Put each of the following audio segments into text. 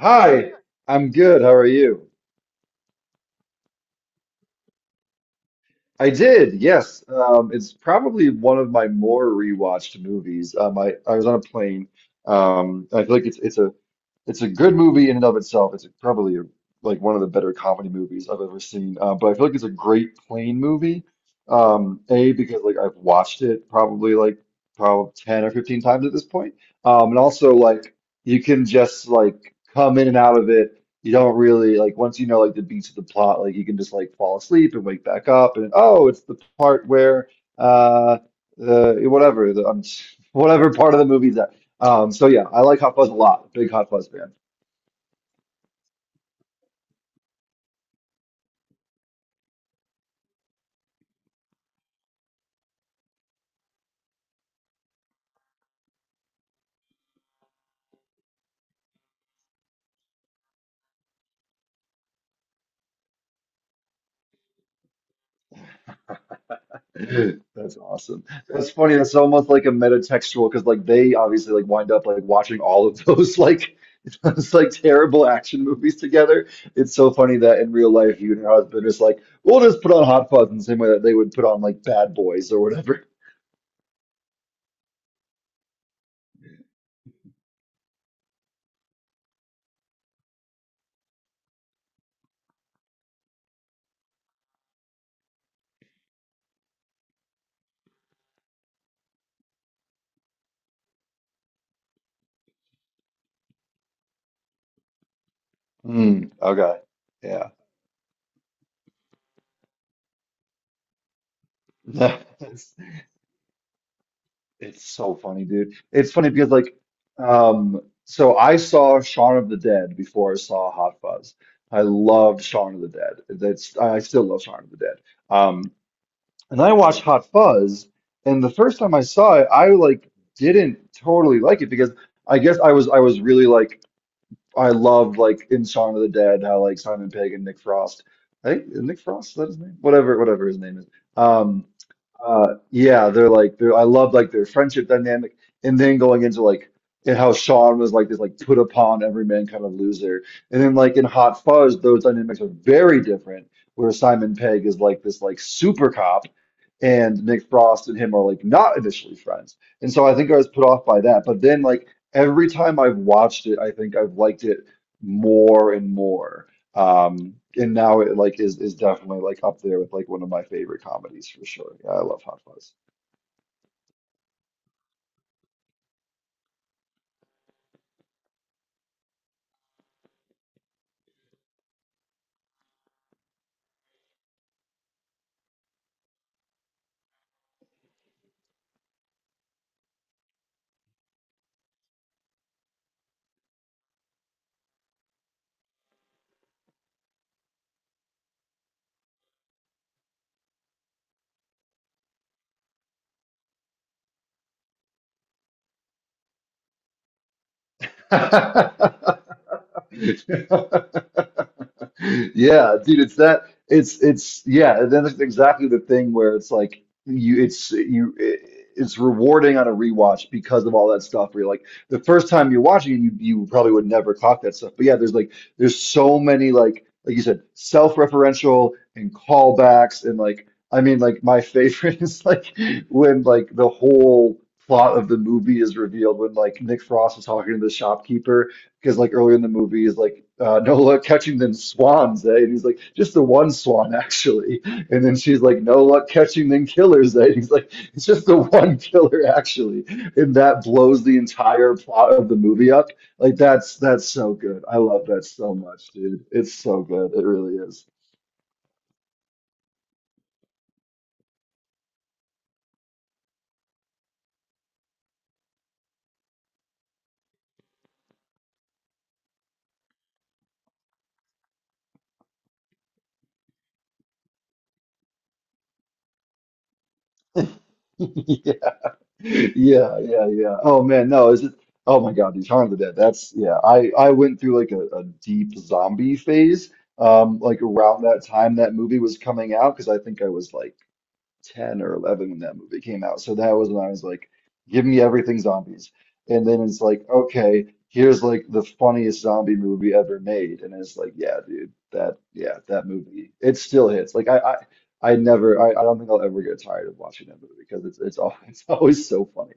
Hi, I'm good. How are you? I did, yes. It's probably one of my more rewatched movies. I was on a plane. I feel like it's a good movie in and of itself. It's probably a, like one of the better comedy movies I've ever seen. But I feel like it's a great plane movie. A, because like I've watched it probably 10 or 15 times at this point. And also like you can just like come in and out of it. You don't really like, once you know like the beats of the plot, like you can just like fall asleep and wake back up and oh, it's the part where uh the whatever the whatever part of the movie's at. So yeah, I like Hot Fuzz a lot. Big Hot Fuzz fan. That's awesome. That's funny. That's almost like a metatextual because like they obviously like wind up like watching all of those like it's like terrible action movies together. It's so funny that in real life you and your husband is like, we'll just put on Hot Fuzz in the same way that they would put on like Bad Boys or whatever. Mm, okay. Yeah. It's, it's so funny, dude. It's funny because like so I saw Shaun of the Dead before I saw Hot Fuzz. I loved Shaun of the Dead. That's, I still love Shaun of the Dead. Um and I watched Hot Fuzz and the first time I saw it, I like didn't totally like it because I guess I was really like I loved like in Shaun of the Dead how like Simon Pegg and Nick Frost. I think Nick Frost, is that his name? Whatever, whatever his name is. Um yeah, they're like they're, I love like their friendship dynamic, and then going into like and how Sean was like this like put upon everyman kind of loser, and then like in Hot Fuzz, those dynamics are very different. Where Simon Pegg is like this like super cop, and Nick Frost and him are like not initially friends. And so I think I was put off by that. But then like every time I've watched it, I think I've liked it more and more. And now it like is definitely like up there with like one of my favorite comedies for sure. Yeah, I love Hot Fuzz. Yeah, dude, it's yeah, and then it's exactly the thing where it's like you it's rewarding on a rewatch because of all that stuff where you're like the first time you're watching it, you probably would never clock that stuff. But yeah, there's so many like you said, self-referential and callbacks and like, I mean like my favorite is like when like the whole plot of the movie is revealed when like Nick Frost is talking to the shopkeeper because like earlier in the movie is like Nola catching them swans, eh? And he's like, just the one swan actually. And then she's like, no luck catching them killers, eh? And he's like, it's just the one killer actually. And that blows the entire plot of the movie up. Like that's so good. I love that so much, dude. It's so good. It really is. Yeah. Yeah, yeah, yeah. Oh man, no, is it? Oh my God, these Shaun of the Dead. That's yeah. I went through like a deep zombie phase. Like around that time that movie was coming out because I think I was like 10 or 11 when that movie came out. So that was when I was like, give me everything zombies. And then it's like, okay, here's like the funniest zombie movie ever made. And it's like, yeah, dude, that, yeah, that movie, it still hits. Like I don't think I'll ever get tired of watching that movie because it's all, it's always so funny.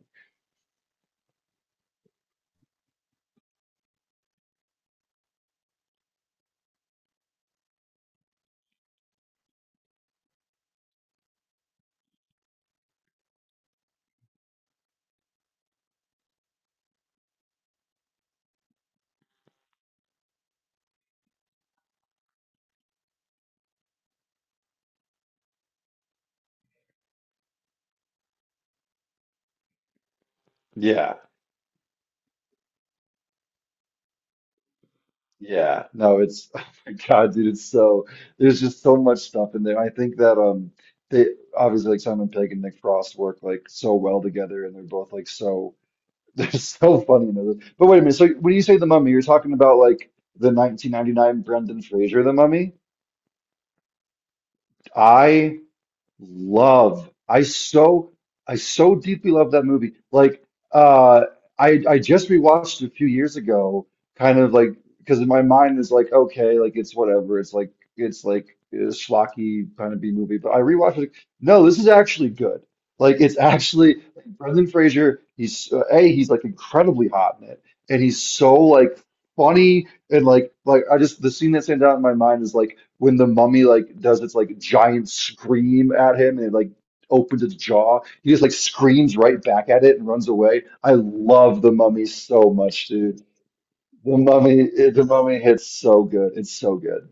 Yeah. Yeah. No, it's, oh my God, dude, it's so, there's just so much stuff in there. I think that, they obviously like Simon Pegg and Nick Frost work like so well together and they're both like so they're so funny in those. But wait a minute. So when you say the mummy, you're talking about like the 1999 Brendan Fraser, the mummy. I love. I so deeply love that movie. Like uh I just rewatched it a few years ago, kind of like because my mind is like okay, like it's whatever. It's like a schlocky kind of B movie, but I rewatched it. Like, no, this is actually good. Like it's actually Brendan Fraser. He's A, he's like incredibly hot in it, and he's so like funny and like I just, the scene that stands out in my mind is like when the mummy like does its like giant scream at him and it like opens its jaw, he just like screams right back at it and runs away. I love the mummy so much, dude. The mummy, the mummy hits so good. It's so good.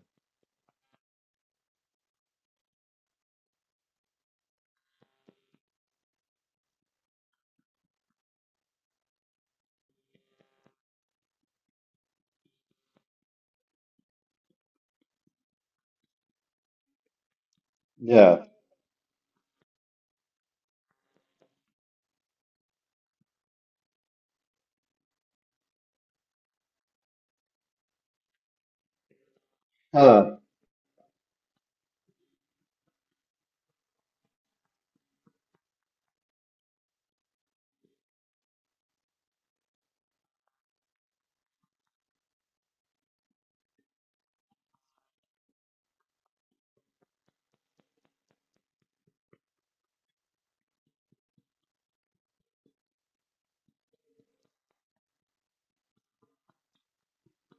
Yeah. Huh.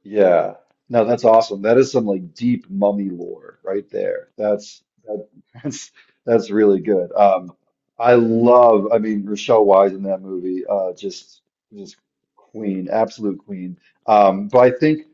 Yeah. No, that's awesome. That is some like deep mummy lore right there. That's that's really good. I love, I mean, Rochelle Wise in that movie, just queen, absolute queen. But I think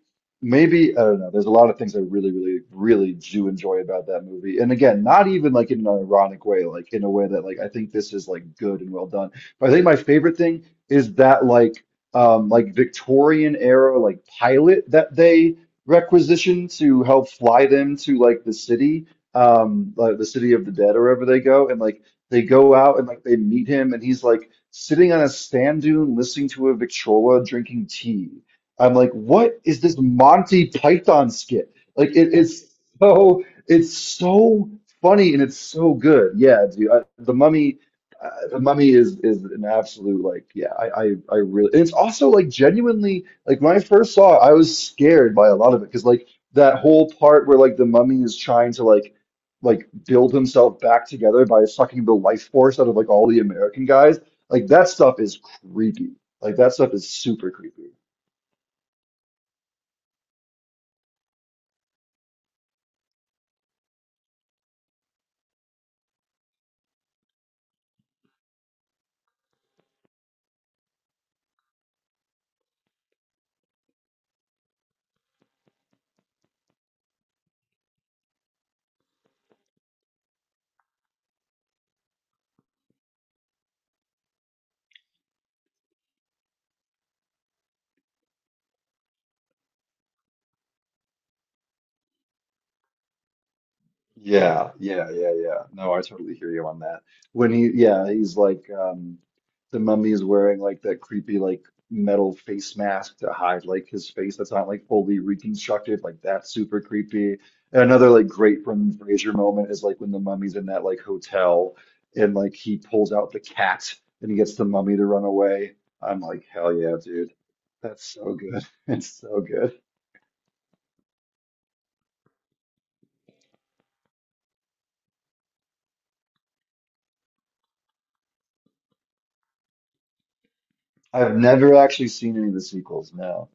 maybe I don't know. There's a lot of things I really, really, really do enjoy about that movie. And again, not even like in an ironic way, like in a way that like I think this is like good and well done. But I think my favorite thing is that like Victorian era like pilot that they requisition to help fly them to like the city of the dead or wherever they go, and like they go out and like they meet him, and he's like sitting on a sand dune listening to a Victrola drinking tea. I'm like, what is this Monty Python skit? Like it is so it's so funny and it's so good. Yeah, dude. The Mummy The Mummy is an absolute like yeah I really, and it's also like genuinely like when I first saw it I was scared by a lot of it because like that whole part where like the mummy is trying to like build himself back together by sucking the life force out of like all the American guys, like that stuff is creepy, like that stuff is super creepy. Yeah, yeah, yeah, yeah. No, I totally hear you on that. When he, yeah, he's like, the mummy's wearing like that creepy like metal face mask to hide like his face that's not like fully reconstructed. Like that's super creepy. And another like great Brendan Fraser moment is like when the mummy's in that like hotel and like he pulls out the cat and he gets the mummy to run away. I'm like, hell yeah, dude. That's so good. It's so good. I've never actually seen any of the sequels. No.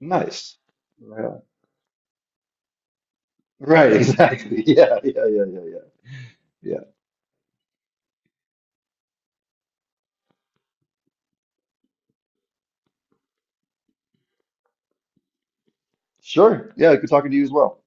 Nice. Well, right, exactly. Yeah, yeah, yeah, yeah, yeah. Yeah. Sure. Yeah, good talking to you as well.